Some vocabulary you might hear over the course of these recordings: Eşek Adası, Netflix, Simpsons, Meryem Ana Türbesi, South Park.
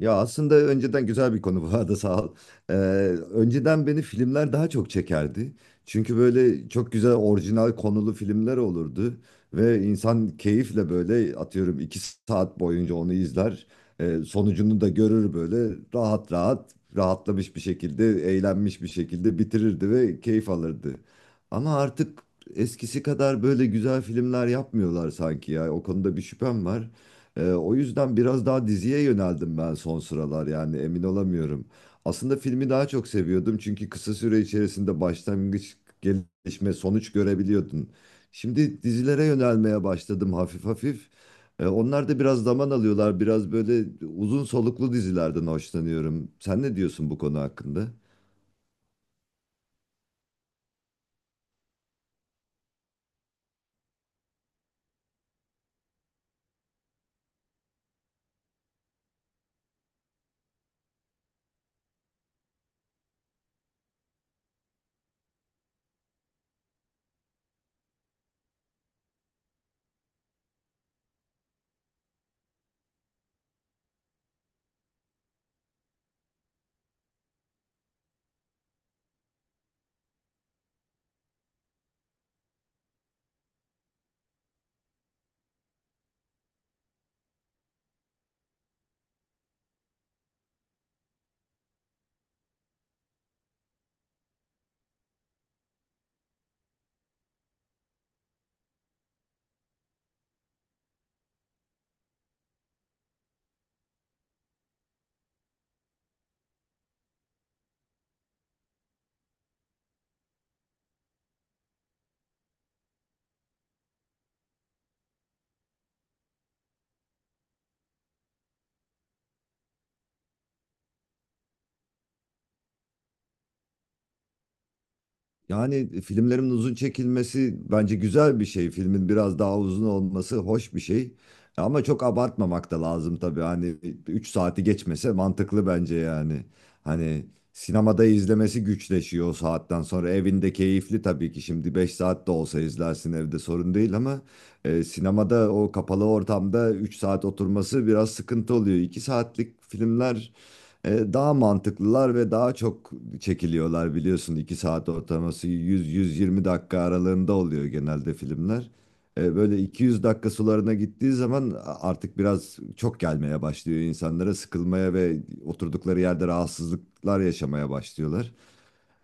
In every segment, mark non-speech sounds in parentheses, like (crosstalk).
Ya aslında önceden güzel bir konu bu arada sağ ol. Ee, Önceden beni filmler daha çok çekerdi. Çünkü böyle çok güzel orijinal konulu filmler olurdu. Ve insan keyifle böyle atıyorum 2 saat boyunca onu izler. Sonucunu da görür böyle rahat rahat rahatlamış bir şekilde eğlenmiş bir şekilde bitirirdi ve keyif alırdı. Ama artık eskisi kadar böyle güzel filmler yapmıyorlar sanki ya. O konuda bir şüphem var. O yüzden biraz daha diziye yöneldim ben son sıralar, yani emin olamıyorum. Aslında filmi daha çok seviyordum çünkü kısa süre içerisinde başlangıç, gelişme, sonuç görebiliyordun. Şimdi dizilere yönelmeye başladım hafif hafif. Onlar da biraz zaman alıyorlar. Biraz böyle uzun soluklu dizilerden hoşlanıyorum. Sen ne diyorsun bu konu hakkında? Yani filmlerin uzun çekilmesi bence güzel bir şey. Filmin biraz daha uzun olması hoş bir şey. Ama çok abartmamak da lazım tabii. Hani 3 saati geçmese mantıklı bence yani. Hani sinemada izlemesi güçleşiyor o saatten sonra. Evinde keyifli tabii ki, şimdi 5 saat de olsa izlersin evde sorun değil ama sinemada o kapalı ortamda 3 saat oturması biraz sıkıntı oluyor. 2 saatlik filmler daha mantıklılar ve daha çok çekiliyorlar, biliyorsun 2 saat ortalaması 100-120 dakika aralığında oluyor genelde filmler. Böyle 200 dakika sularına gittiği zaman artık biraz çok gelmeye başlıyor insanlara, sıkılmaya ve oturdukları yerde rahatsızlıklar yaşamaya başlıyorlar.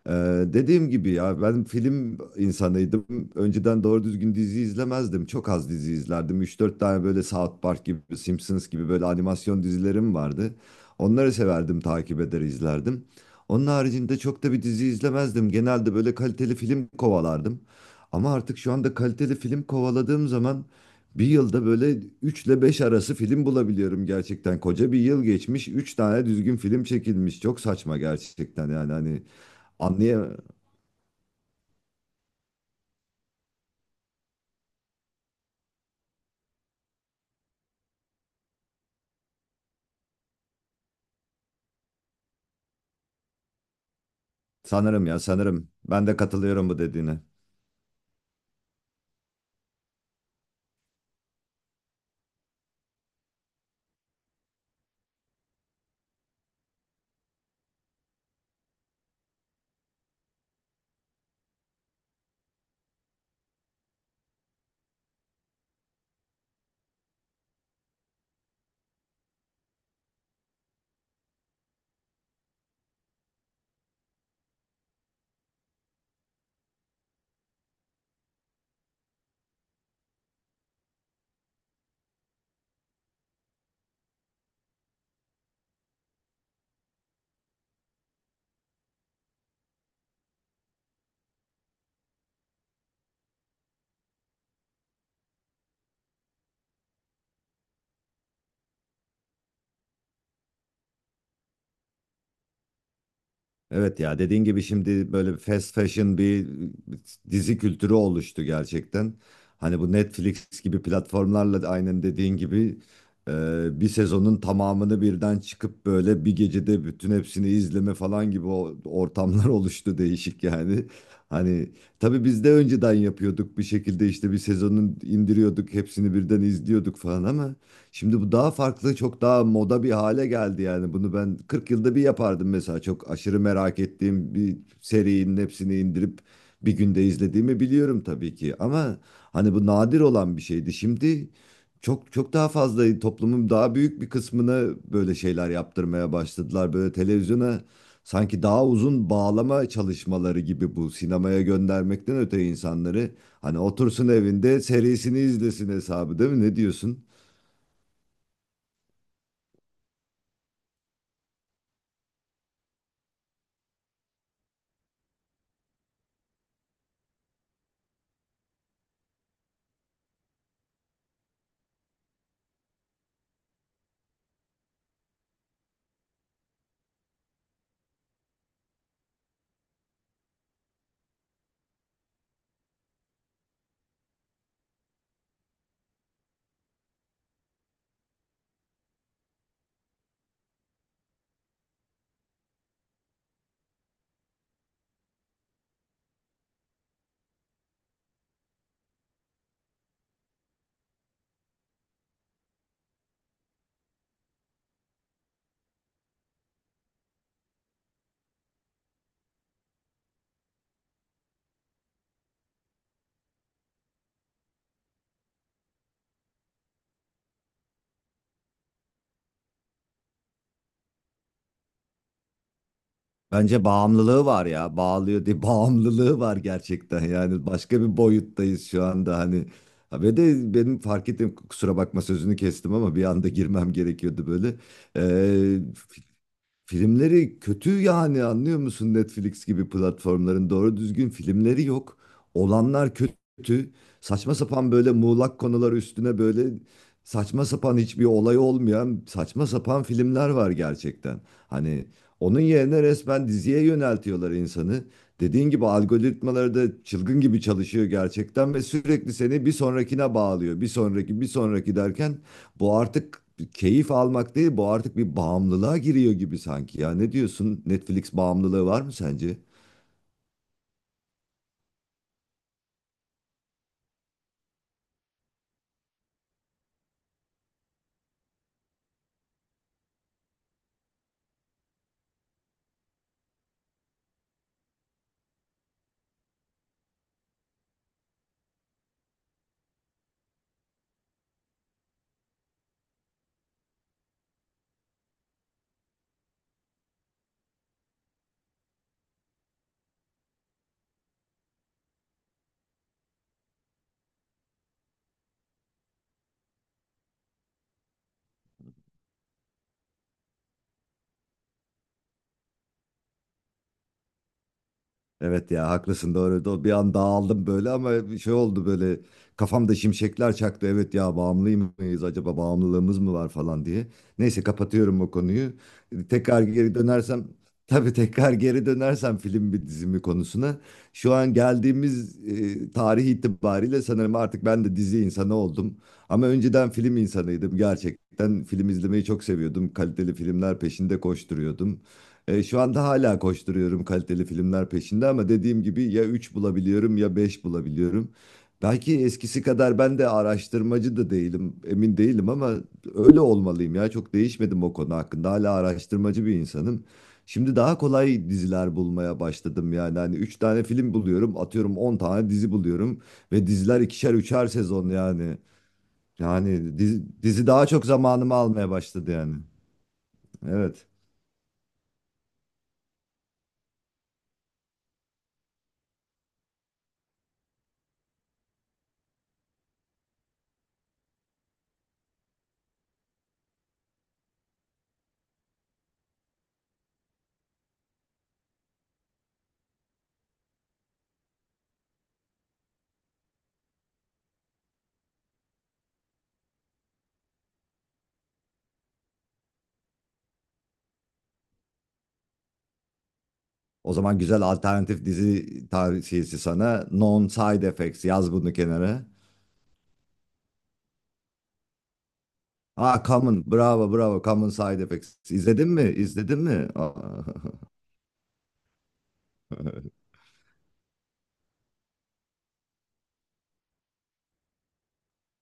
Dediğim gibi ya, ben film insanıydım. Önceden doğru düzgün dizi izlemezdim. Çok az dizi izlerdim. 3-4 tane böyle South Park gibi, Simpsons gibi böyle animasyon dizilerim vardı. Onları severdim, takip eder izlerdim. Onun haricinde çok da bir dizi izlemezdim. Genelde böyle kaliteli film kovalardım. Ama artık şu anda kaliteli film kovaladığım zaman bir yılda böyle 3 ile 5 arası film bulabiliyorum gerçekten. Koca bir yıl geçmiş, 3 tane düzgün film çekilmiş. Çok saçma gerçekten yani hani. Anlayam sanırım. Ben de katılıyorum bu dediğine. Evet ya, dediğin gibi şimdi böyle fast fashion bir dizi kültürü oluştu gerçekten. Hani bu Netflix gibi platformlarla da aynen dediğin gibi bir sezonun tamamını birden çıkıp böyle bir gecede bütün hepsini izleme falan gibi ortamlar (laughs) oluştu, değişik yani. Hani tabii biz de önceden yapıyorduk bir şekilde, işte bir sezonun indiriyorduk hepsini birden izliyorduk falan ama şimdi bu daha farklı, çok daha moda bir hale geldi yani. Bunu ben 40 yılda bir yapardım mesela. Çok aşırı merak ettiğim bir serinin hepsini indirip bir günde izlediğimi biliyorum tabii ki. Ama hani bu nadir olan bir şeydi. Şimdi çok çok daha fazla, toplumun daha büyük bir kısmına böyle şeyler yaptırmaya başladılar. Böyle televizyona sanki daha uzun bağlama çalışmaları gibi, bu sinemaya göndermekten öte insanları hani otursun evinde serisini izlesin hesabı, değil mi? Ne diyorsun? Bence bağımlılığı var ya. Bağlıyor diye (laughs) bağımlılığı var gerçekten. Yani başka bir boyuttayız şu anda hani. Ha, ve de benim fark ettim, kusura bakma sözünü kestim ama bir anda girmem gerekiyordu böyle. Ee, Filmleri kötü, yani anlıyor musun? Netflix gibi platformların doğru düzgün filmleri yok. Olanlar kötü. Saçma sapan böyle muğlak konular üstüne böyle saçma sapan, hiçbir olay olmayan saçma sapan filmler var gerçekten. Hani onun yerine resmen diziye yöneltiyorlar insanı. Dediğin gibi algoritmaları da çılgın gibi çalışıyor gerçekten ve sürekli seni bir sonrakine bağlıyor. Bir sonraki, bir sonraki derken bu artık keyif almak değil, bu artık bir bağımlılığa giriyor gibi sanki ya. Ne diyorsun? Netflix bağımlılığı var mı sence? Evet ya, haklısın, doğru. Bir an dağıldım böyle ama bir şey oldu böyle, kafamda şimşekler çaktı. Evet ya, bağımlı mıyız acaba, bağımlılığımız mı var falan diye. Neyse, kapatıyorum o konuyu. Tekrar geri dönersem Tabii tekrar geri dönersem film bir dizimi konusuna. Şu an geldiğimiz tarih itibariyle sanırım artık ben de dizi insanı oldum. Ama önceden film insanıydım gerçekten. Film izlemeyi çok seviyordum. Kaliteli filmler peşinde koşturuyordum. Şu anda hala koşturuyorum kaliteli filmler peşinde ama dediğim gibi ya 3 bulabiliyorum ya 5 bulabiliyorum. Belki eskisi kadar ben de araştırmacı da değilim, emin değilim ama öyle olmalıyım ya. Çok değişmedim o konu hakkında. Hala araştırmacı bir insanım. Şimdi daha kolay diziler bulmaya başladım yani. Hani 3 tane film buluyorum, atıyorum 10 tane dizi buluyorum ve diziler ikişer üçer sezon yani. Yani dizi daha çok zamanımı almaya başladı yani. Evet. O zaman güzel alternatif dizi tavsiyesi sana. Non Side Effects, yaz bunu kenara. Aa, Common, bravo bravo, Common Side Effects. İzledin mi? İzledin mi? Aa. (laughs)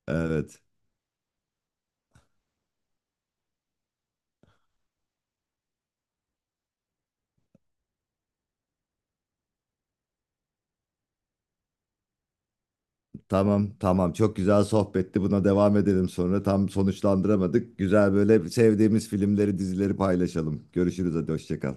Evet. Tamam tamam, çok güzel sohbetti. Buna devam edelim sonra. Tam sonuçlandıramadık. Güzel böyle sevdiğimiz filmleri dizileri paylaşalım. Görüşürüz, hadi hoşça kal.